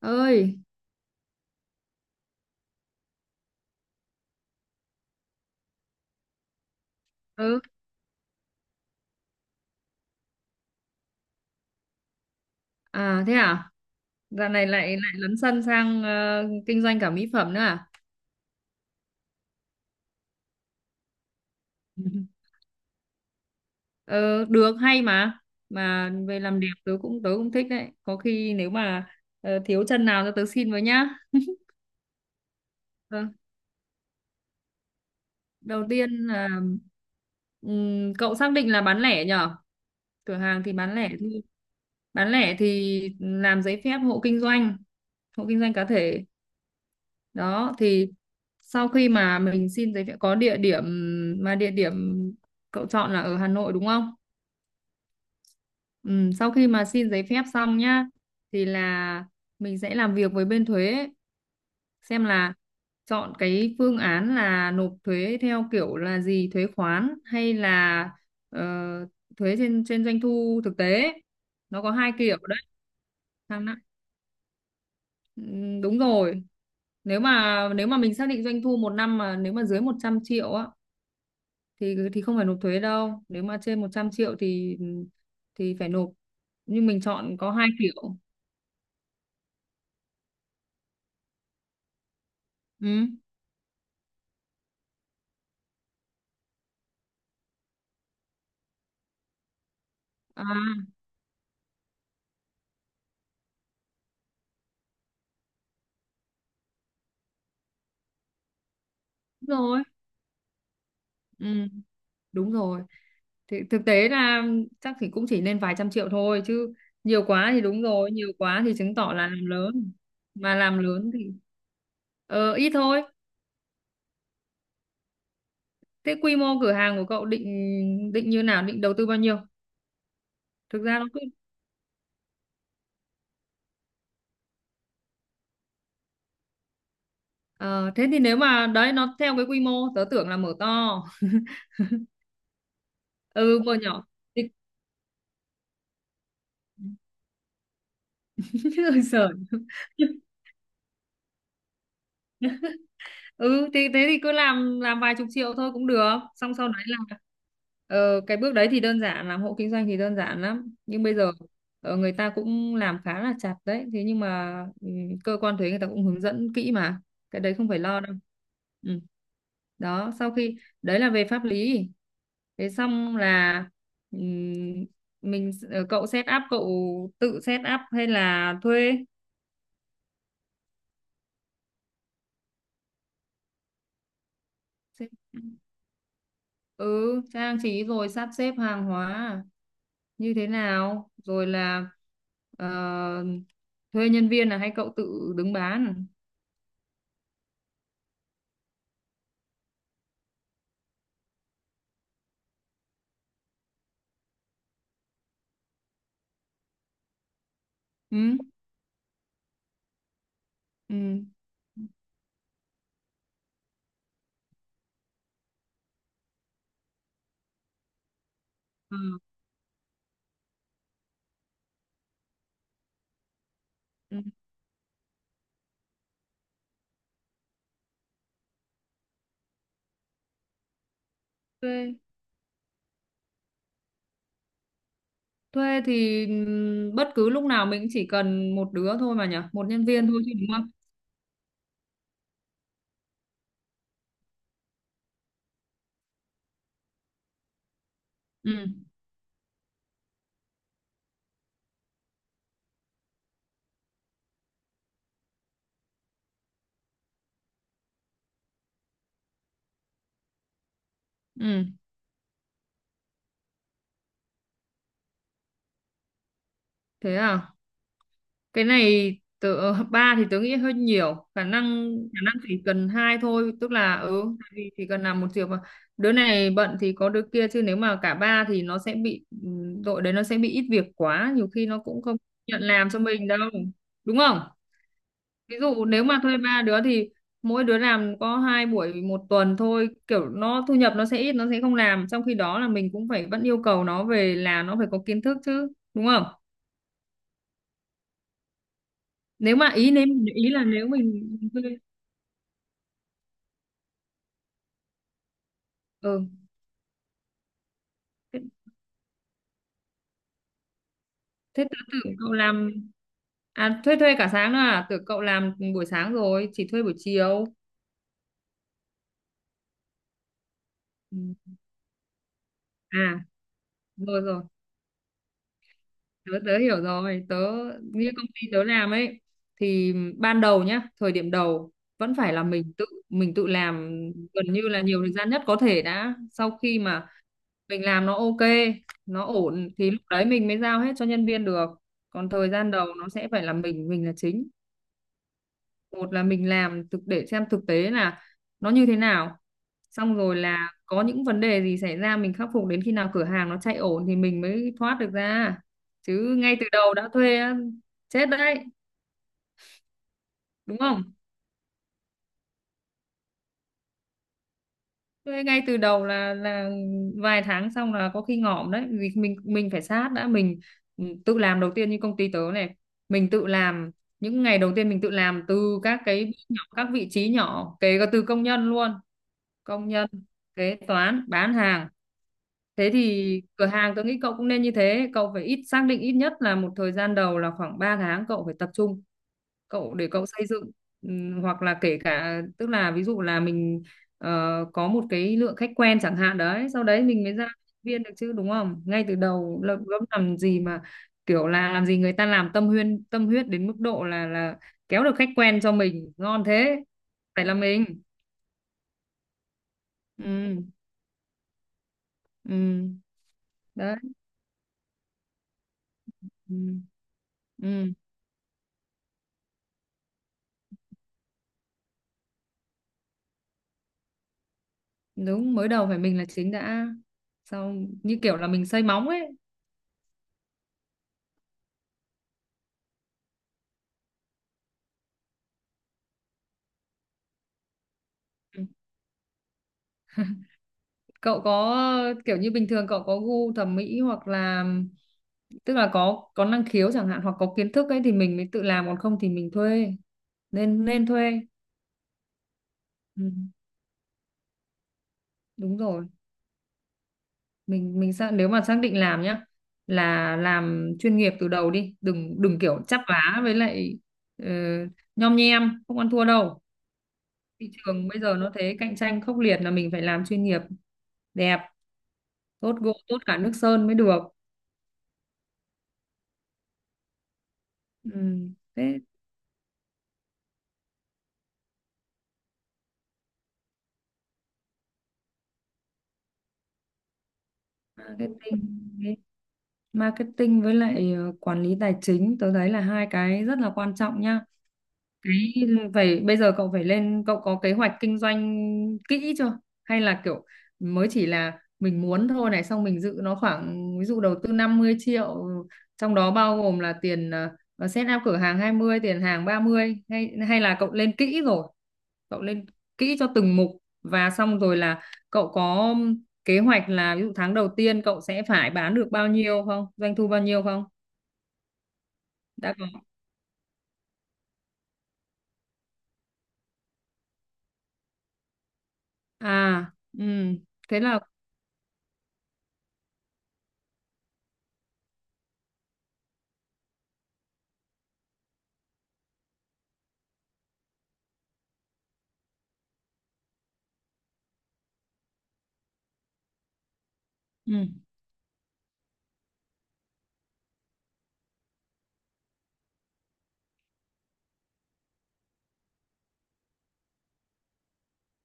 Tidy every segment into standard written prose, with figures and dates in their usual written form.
Ơi. ừ À, thế à? Dạo này lại lại lấn sân sang kinh doanh cả mỹ phẩm nữa à? Ờ, được hay mà. Mà về làm đẹp tớ cũng thích đấy, có khi nếu mà thiếu chân nào cho tớ xin với nhá. Ờ, đầu tiên là cậu xác định là bán lẻ nhở, cửa hàng thì bán lẻ thôi. Bán lẻ thì làm giấy phép hộ kinh doanh, hộ kinh doanh cá thể. Đó, thì sau khi mà mình xin giấy phép có địa điểm, mà địa điểm cậu chọn là ở Hà Nội đúng không? Ừ, sau khi mà xin giấy phép xong nhá thì là mình sẽ làm việc với bên thuế, xem là chọn cái phương án là nộp thuế theo kiểu là gì, thuế khoán hay là ờ, thuế trên trên doanh thu thực tế, nó có hai kiểu đấy. Hàng. Ừ, đúng rồi, nếu mà mình xác định doanh thu một năm mà nếu mà dưới 100 triệu á thì không phải nộp thuế đâu, nếu mà trên 100 triệu thì phải nộp, nhưng mình chọn có hai kiểu. Ừ. À, đúng rồi. Ừ, đúng rồi, thì thực tế là chắc thì cũng chỉ lên vài trăm triệu thôi chứ, nhiều quá thì đúng rồi, nhiều quá thì chứng tỏ là làm lớn, mà làm lớn thì ờ ít thôi. Thế quy mô cửa hàng của cậu định, định như nào, định đầu tư bao nhiêu? Thực ra nó cứ. Ờ, thế thì nếu mà đấy nó theo cái quy mô tớ tưởng là mở to. Ừ, mở nhỏ thì sợ. Ừ thì thế thì cứ làm vài chục triệu thôi cũng được, xong sau đấy là cái bước đấy thì đơn giản, làm hộ kinh doanh thì đơn giản lắm, nhưng bây giờ người ta cũng làm khá là chặt đấy, thế nhưng mà cơ quan thuế người ta cũng hướng dẫn kỹ mà, cái đấy không phải lo đâu. Ừ. Đó, sau khi, đấy là về pháp lý. Thế xong là ừm, mình ờ, cậu set up, cậu tự set up hay là thuê, ừ trang trí rồi sắp xếp hàng hóa à, như thế nào, rồi là ờ, thuê nhân viên là hay cậu tự đứng bán? Ừ. Ừ. Ờ, ừ. thuê Thuê thì bất cứ lúc nào mình chỉ cần một đứa thôi mà nhỉ, một nhân viên thôi chứ đúng không? Ừ. Ừ. Thế à, cái này tớ ba thì tớ nghĩ hơi nhiều, khả năng chỉ cần hai thôi, tức là ừ tại vì chỉ cần làm một việc mà, đứa này bận thì có đứa kia, chứ nếu mà cả ba thì nó sẽ bị ừ, đội đấy nó sẽ bị ít việc quá, nhiều khi nó cũng không nhận làm cho mình đâu, đúng không? Ví dụ nếu mà thuê ba đứa thì mỗi đứa làm có hai buổi một tuần thôi, kiểu nó thu nhập nó sẽ ít, nó sẽ không làm, trong khi đó là mình cũng phải vẫn yêu cầu nó về là nó phải có kiến thức chứ, đúng không? Nếu mà ý nếu Ý là nếu mình thuê, ừ thế, thế tớ tưởng cậu làm, à thuê thuê cả sáng nữa à, tưởng cậu làm buổi sáng rồi chỉ thuê buổi chiều. Ừ. À, rồi rồi, tớ tớ hiểu rồi. Như công ty tớ làm ấy, thì ban đầu nhá, thời điểm đầu vẫn phải là mình tự, mình tự làm gần như là nhiều thời gian nhất có thể đã. Sau khi mà mình làm nó ok, nó ổn thì lúc đấy mình mới giao hết cho nhân viên được, còn thời gian đầu nó sẽ phải là mình là chính, một là mình làm thực để xem thực tế là nó như thế nào, xong rồi là có những vấn đề gì xảy ra mình khắc phục, đến khi nào cửa hàng nó chạy ổn thì mình mới thoát được ra. Chứ ngay từ đầu đã thuê á, chết đấy, đúng không? Thuê ngay từ đầu là vài tháng xong là có khi ngỏm đấy, vì mình phải sát đã, mình ừ, tự làm đầu tiên, như công ty tớ này, mình tự làm những ngày đầu tiên mình tự làm từ các cái bước nhỏ, các vị trí nhỏ, kể cả từ công nhân luôn, công nhân, kế toán, bán hàng. Thế thì cửa hàng tôi nghĩ cậu cũng nên như thế, cậu phải ít, xác định ít nhất là một thời gian đầu là khoảng 3 tháng cậu phải tập trung, cậu để cậu xây dựng. Hoặc là kể cả tức là ví dụ là mình ờ, có một cái lượng khách quen chẳng hạn đấy, sau đấy mình mới ra viên được chứ, đúng không? Ngay từ đầu là gớm, làm gì mà kiểu là làm gì người ta làm tâm huyên, tâm huyết đến mức độ là kéo được khách quen cho mình, ngon thế. Phải là mình. Ừ. ừ. Đấy. Ừ. Ừ. Đúng, mới đầu phải mình là chính đã, sau như kiểu là mình xây móng ấy. Ừ. Cậu có kiểu như bình thường cậu có gu thẩm mỹ hoặc là tức là có năng khiếu chẳng hạn, hoặc có kiến thức ấy, thì mình mới tự làm, còn không thì mình thuê, nên nên thuê. Ừ, đúng rồi, mình xác nếu mà xác định làm nhá là làm chuyên nghiệp từ đầu đi, đừng đừng kiểu chắp vá, với lại ờ, nhom nhem không ăn thua đâu. Thị trường bây giờ nó thế, cạnh tranh khốc liệt, là mình phải làm chuyên nghiệp, đẹp, tốt gỗ tốt cả nước sơn mới được. Ừ. Thế marketing, marketing với lại quản lý tài chính tôi thấy là hai cái rất là quan trọng nhá. Đấy, vậy bây giờ cậu phải lên, cậu có kế hoạch kinh doanh kỹ chưa, hay là kiểu mới chỉ là mình muốn thôi này, xong mình dự nó khoảng ví dụ đầu tư 50 triệu, trong đó bao gồm là tiền set up cửa hàng 20 triệu, tiền hàng 30 triệu, hay hay là cậu lên kỹ rồi, cậu lên kỹ cho từng mục, và xong rồi là cậu có kế hoạch là ví dụ tháng đầu tiên cậu sẽ phải bán được bao nhiêu không, doanh thu bao nhiêu không, đã có à? Ừ, thế là ừ,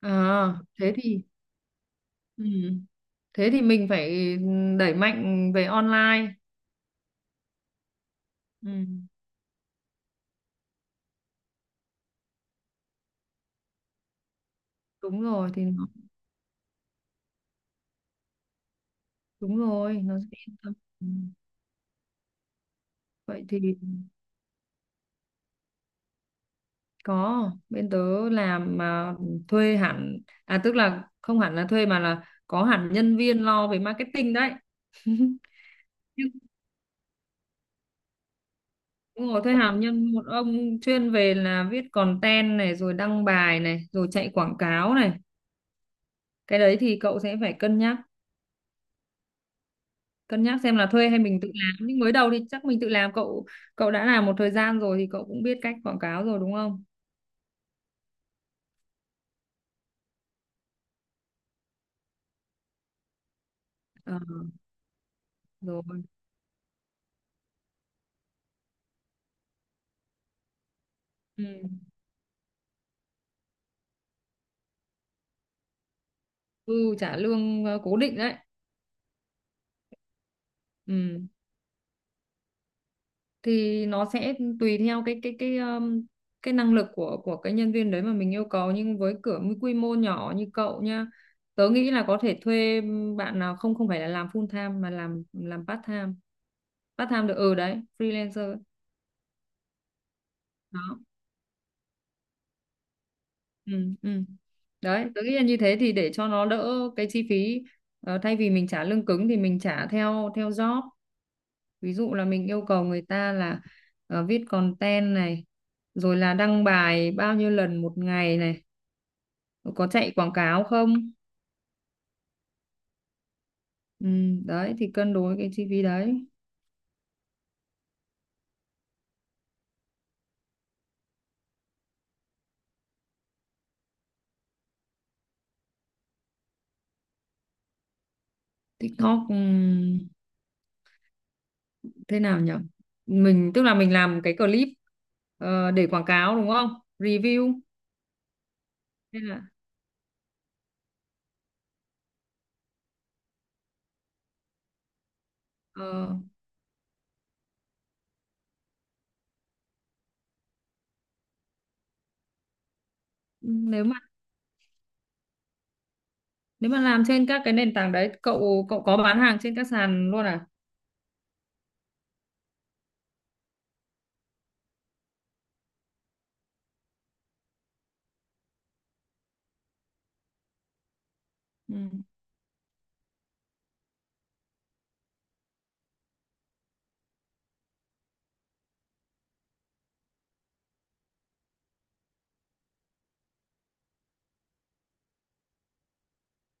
à, thế thì ừ, thế thì mình phải đẩy mạnh về online. Ừ. Đúng rồi thì nó đúng rồi, nó sẽ yên tâm. Ừ. Vậy thì có, bên tớ làm mà, thuê hẳn, à tức là không hẳn là thuê mà là có hẳn nhân viên lo về marketing đấy. Nhưng. Đúng rồi, thuê hẳn nhân một ông chuyên về là viết content này, rồi đăng bài này, rồi chạy quảng cáo này. Cái đấy thì cậu sẽ phải cân nhắc, cân nhắc xem là thuê hay mình tự làm, nhưng mới đầu thì chắc mình tự làm. Cậu Cậu đã làm một thời gian rồi thì cậu cũng biết cách quảng cáo rồi đúng không? Ờ, rồi. Ừ. Ừ trả lương cố định đấy. Ừ, thì nó sẽ tùy theo cái cái năng lực của cái nhân viên đấy mà mình yêu cầu, nhưng với cửa, với quy mô nhỏ như cậu nha, tớ nghĩ là có thể thuê bạn nào không, không phải là làm full time mà làm part time, part time được, ừ đấy, freelancer. Đó. Ừ. Ừ. Đấy, tôi nghĩ là như thế thì để cho nó đỡ cái chi phí. Ờ, thay vì mình trả lương cứng thì mình trả theo theo job, ví dụ là mình yêu cầu người ta là viết content này, rồi là đăng bài bao nhiêu lần một ngày này, rồi có chạy quảng cáo không. Ừ, đấy thì cân đối cái chi phí đấy. TikTok thế nào nhỉ, mình tức là mình làm cái clip để quảng cáo đúng không, review nên là ờ, ừ, nếu mà nếu mà làm trên các cái nền tảng đấy, cậu cậu có bán hàng trên các sàn luôn à? Ừ.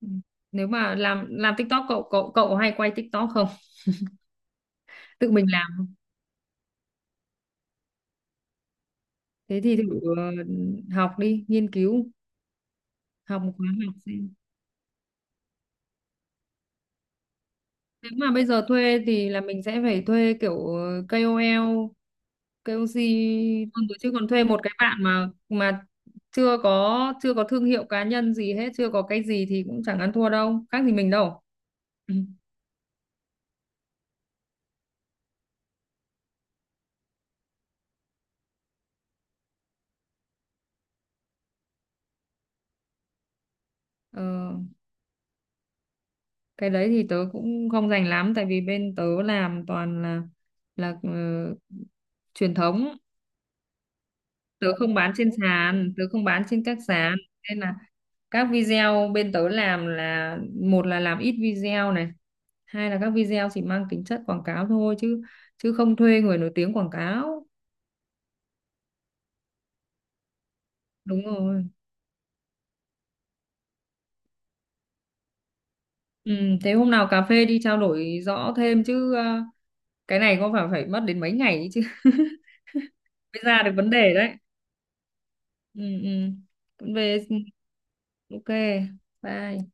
Ừ. Nếu mà làm TikTok cậu cậu cậu hay quay TikTok không? Tự mình làm. Thế thì thử ờ, học đi, nghiên cứu, học một khóa học xem. Nếu mà bây giờ thuê thì là mình sẽ phải thuê kiểu KOL, KOC luôn rồi, chứ còn thuê một cái bạn mà chưa có thương hiệu cá nhân gì hết, chưa có cái gì thì cũng chẳng ăn thua đâu, khác gì mình đâu. Ừ. Ờ, cái đấy thì tớ cũng không rành lắm, tại vì bên tớ làm toàn là là ờ, truyền thống, tớ không bán trên sàn, tớ không bán trên các sàn, nên là các video bên tớ làm là một là làm ít video này, hai là các video chỉ mang tính chất quảng cáo thôi, chứ chứ không thuê người nổi tiếng quảng cáo. Đúng rồi. Ừ, thế hôm nào cà phê đi, trao đổi rõ thêm chứ, cái này có phải phải mất đến mấy ngày ấy chứ mới ra được vấn đề đấy. Ừ, ừ. Về. Ok. Bye.